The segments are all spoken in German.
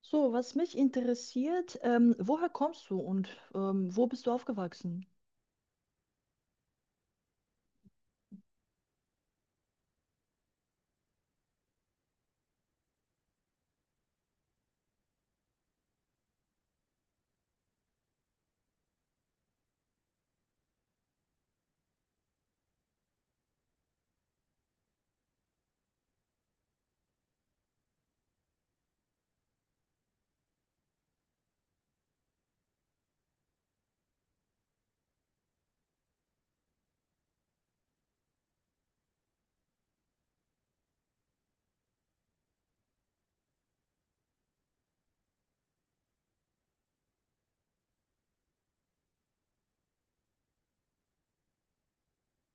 So, was mich interessiert, woher kommst du und wo bist du aufgewachsen?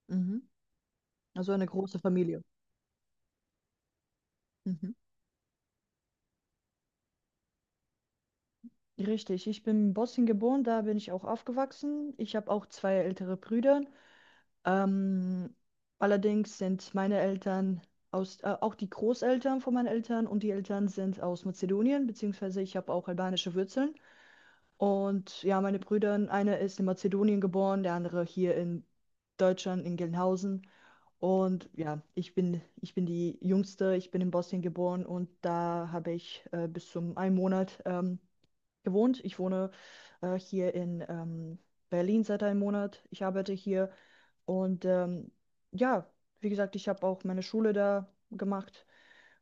Mhm. Also eine große Familie. Mhm. Richtig, ich bin in Bosnien geboren, da bin ich auch aufgewachsen. Ich habe auch zwei ältere Brüder. Ähm, Allerdings sind meine Eltern auch die Großeltern von meinen Eltern und die Eltern sind aus Mazedonien, beziehungsweise ich habe auch albanische Wurzeln. Und ja, meine Brüder, einer ist in Mazedonien geboren, der andere hier in Deutschland, in Gelnhausen. Und ja, ich bin die Jüngste, ich bin in Bosnien geboren und da habe ich bis zum einen Monat gewohnt. Ich wohne hier in Berlin seit einem Monat. Ich arbeite hier und ja, wie gesagt, ich habe auch meine Schule da gemacht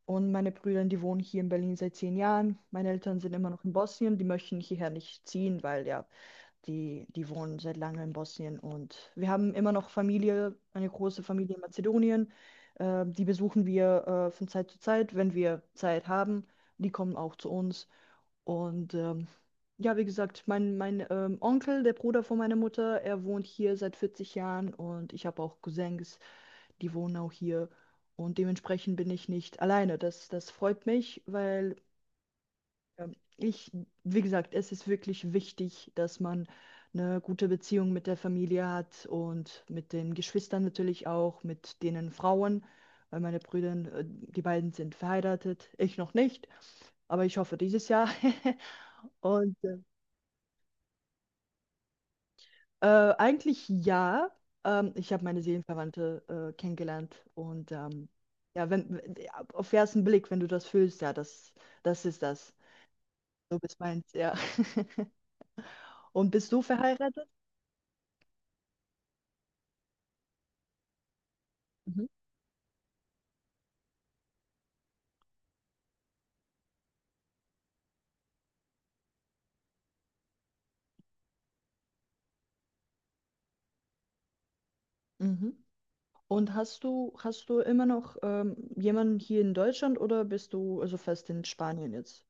und meine Brüder, die wohnen hier in Berlin seit zehn Jahren. Meine Eltern sind immer noch in Bosnien, die möchten hierher nicht ziehen, weil ja, die wohnen seit langem in Bosnien und wir haben immer noch Familie, eine große Familie in Mazedonien. Die besuchen wir von Zeit zu Zeit, wenn wir Zeit haben. Die kommen auch zu uns. Und ja, wie gesagt, mein Onkel, der Bruder von meiner Mutter, er wohnt hier seit 40 Jahren und ich habe auch Cousins, die wohnen auch hier. Und dementsprechend bin ich nicht alleine. Das freut mich, weil ja, Ich, wie gesagt, es ist wirklich wichtig, dass man eine gute Beziehung mit der Familie hat und mit den Geschwistern natürlich auch, mit denen Frauen, weil meine Brüder, die beiden sind verheiratet, ich noch nicht, aber ich hoffe dieses Jahr. Und eigentlich ja, ich habe meine Seelenverwandte kennengelernt und ja, wenn, w- auf ersten Blick, wenn du das fühlst, ja, das, das ist das. So bist meins, ja. Und bist du verheiratet? Mhm. Und hast du immer noch jemanden hier in Deutschland oder bist du also fest in Spanien jetzt?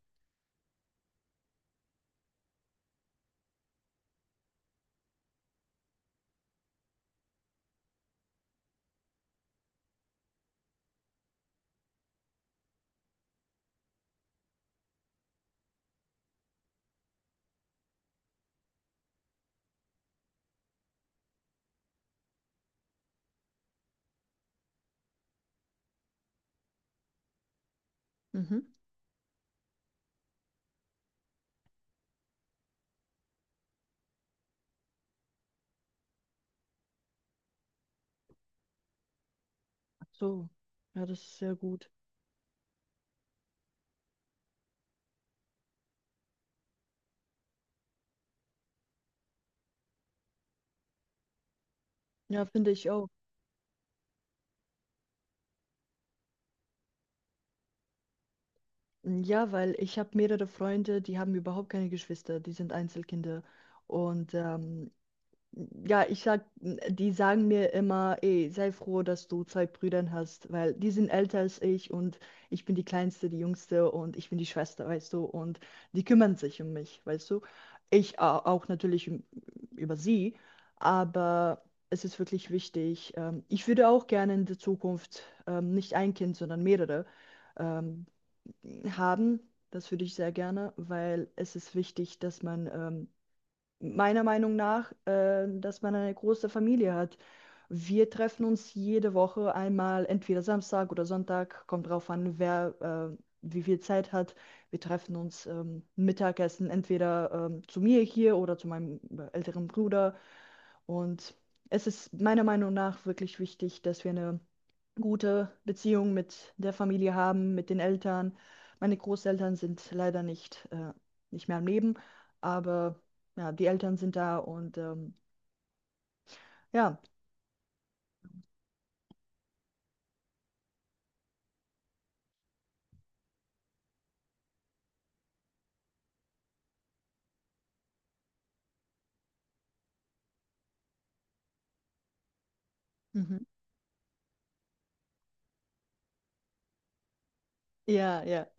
Mhm. Ach so, ja, das ist sehr gut. Ja, finde ich auch. Ja, weil ich habe mehrere Freunde, die haben überhaupt keine Geschwister, die sind Einzelkinder. Und ähm, Ja, ich sag, die sagen mir immer, ey, sei froh, dass du zwei Brüder hast, weil die sind älter als ich und ich bin die Kleinste, die Jüngste und ich bin die Schwester, weißt du, und die kümmern sich um mich, weißt du. Auch natürlich über sie, aber es ist wirklich wichtig. Ich würde auch gerne in der Zukunft nicht ein Kind, sondern mehrere ähm, haben. Das würde ich sehr gerne, weil es ist wichtig, dass man meiner Meinung nach, dass man eine große Familie hat. Wir treffen uns jede Woche einmal, entweder Samstag oder Sonntag, kommt drauf an, wer wie viel Zeit hat. Wir treffen uns Mittagessen, entweder zu mir hier oder zu meinem älteren Bruder. Und es ist meiner Meinung nach wirklich wichtig, dass wir eine gute Beziehung mit der Familie haben, mit den Eltern. Meine Großeltern sind leider nicht mehr am Leben, aber ja, die Eltern sind da und ja, Mhm. ja, ja,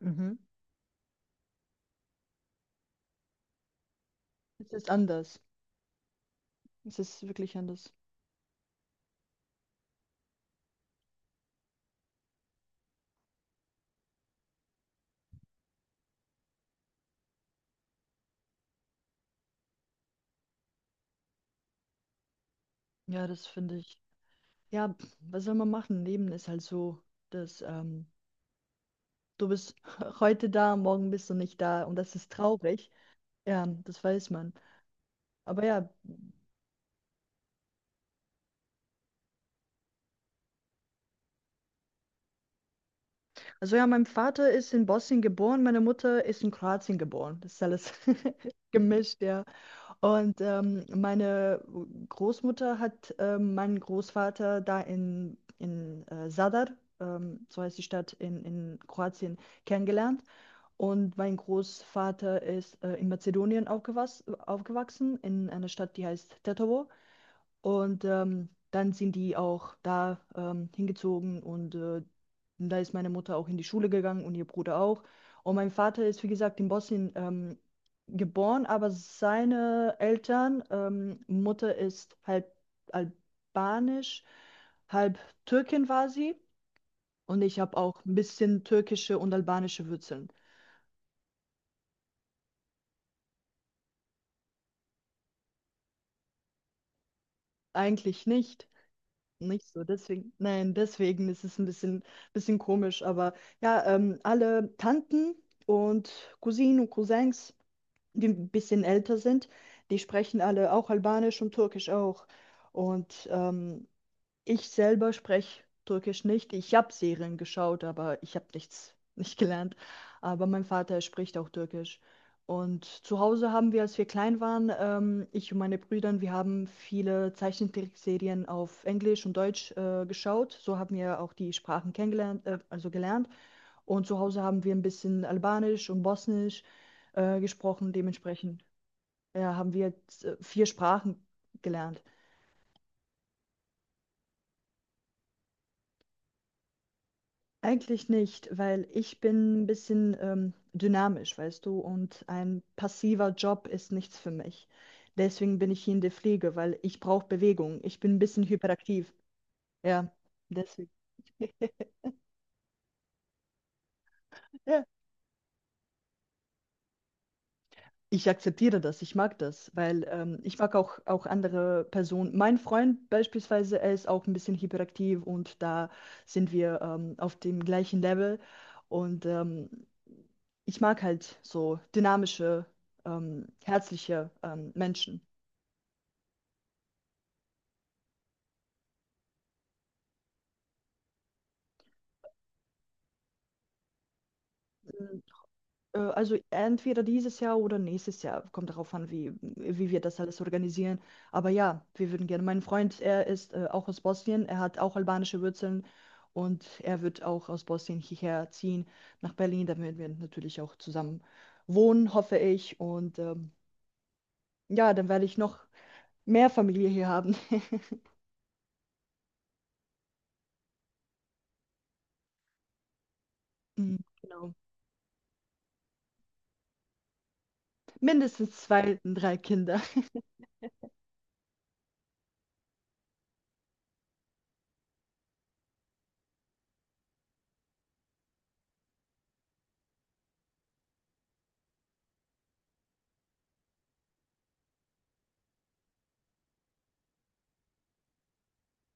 Mhm. es ist anders. Es ist wirklich anders. Ja, das finde ich. Ja, pf, was soll man machen? Leben ist halt so, dass du bist heute da, morgen bist du nicht da und das ist traurig. Ja, das weiß man. Aber ja, also ja, mein Vater ist in Bosnien geboren, meine Mutter ist in Kroatien geboren. Das ist alles gemischt, ja. Und meine Großmutter hat meinen Großvater da in Zadar, so heißt die Stadt in Kroatien, kennengelernt. Und mein Großvater ist in Mazedonien aufgewas aufgewachsen, in einer Stadt, die heißt Tetovo. Und dann sind die auch da hingezogen und da ist meine Mutter auch in die Schule gegangen und ihr Bruder auch. Und mein Vater ist, wie gesagt, in Bosnien geboren, aber seine Eltern, Mutter ist halb albanisch, halb Türkin war sie. Und ich habe auch ein bisschen türkische und albanische Wurzeln. Eigentlich nicht. Nicht so, deswegen, nein, deswegen ist es ein bisschen komisch, aber ja, alle Tanten und Cousinen und Cousins, die ein bisschen älter sind, die sprechen alle auch Albanisch und Türkisch auch. Und ich selber spreche Türkisch nicht. Ich habe Serien geschaut, aber ich habe nichts nicht gelernt. Aber mein Vater spricht auch Türkisch. Und zu Hause haben wir, als wir klein waren, ich und meine Brüder, wir haben viele Zeichentrickserien auf Englisch und Deutsch geschaut. So haben wir auch die Sprachen kennengelernt, also gelernt. Und zu Hause haben wir ein bisschen Albanisch und Bosnisch gesprochen. Dementsprechend ja, haben wir jetzt, vier Sprachen gelernt. Eigentlich nicht, weil ich bin ein dynamisch, weißt du, und ein passiver Job ist nichts für mich. Deswegen bin ich hier in der Pflege, weil ich brauche Bewegung. Ich bin ein bisschen hyperaktiv. Ja, deswegen. Ich akzeptiere das, ich mag das, weil ich mag auch andere Personen. Mein Freund beispielsweise, er ist auch ein bisschen hyperaktiv und da sind wir auf dem gleichen Level. Und ich mag halt so dynamische, herzliche Menschen. Also entweder dieses Jahr oder nächstes Jahr, kommt darauf an, wie wir das alles organisieren. Aber ja, wir würden gerne. Mein Freund, er ist auch aus Bosnien, er hat auch albanische Wurzeln und er wird auch aus Bosnien hierher ziehen nach Berlin. Dann werden wir natürlich auch zusammen wohnen, hoffe ich. Und ja, dann werde ich noch mehr Familie hier haben. Mm, genau. Mindestens zwei, drei Kinder.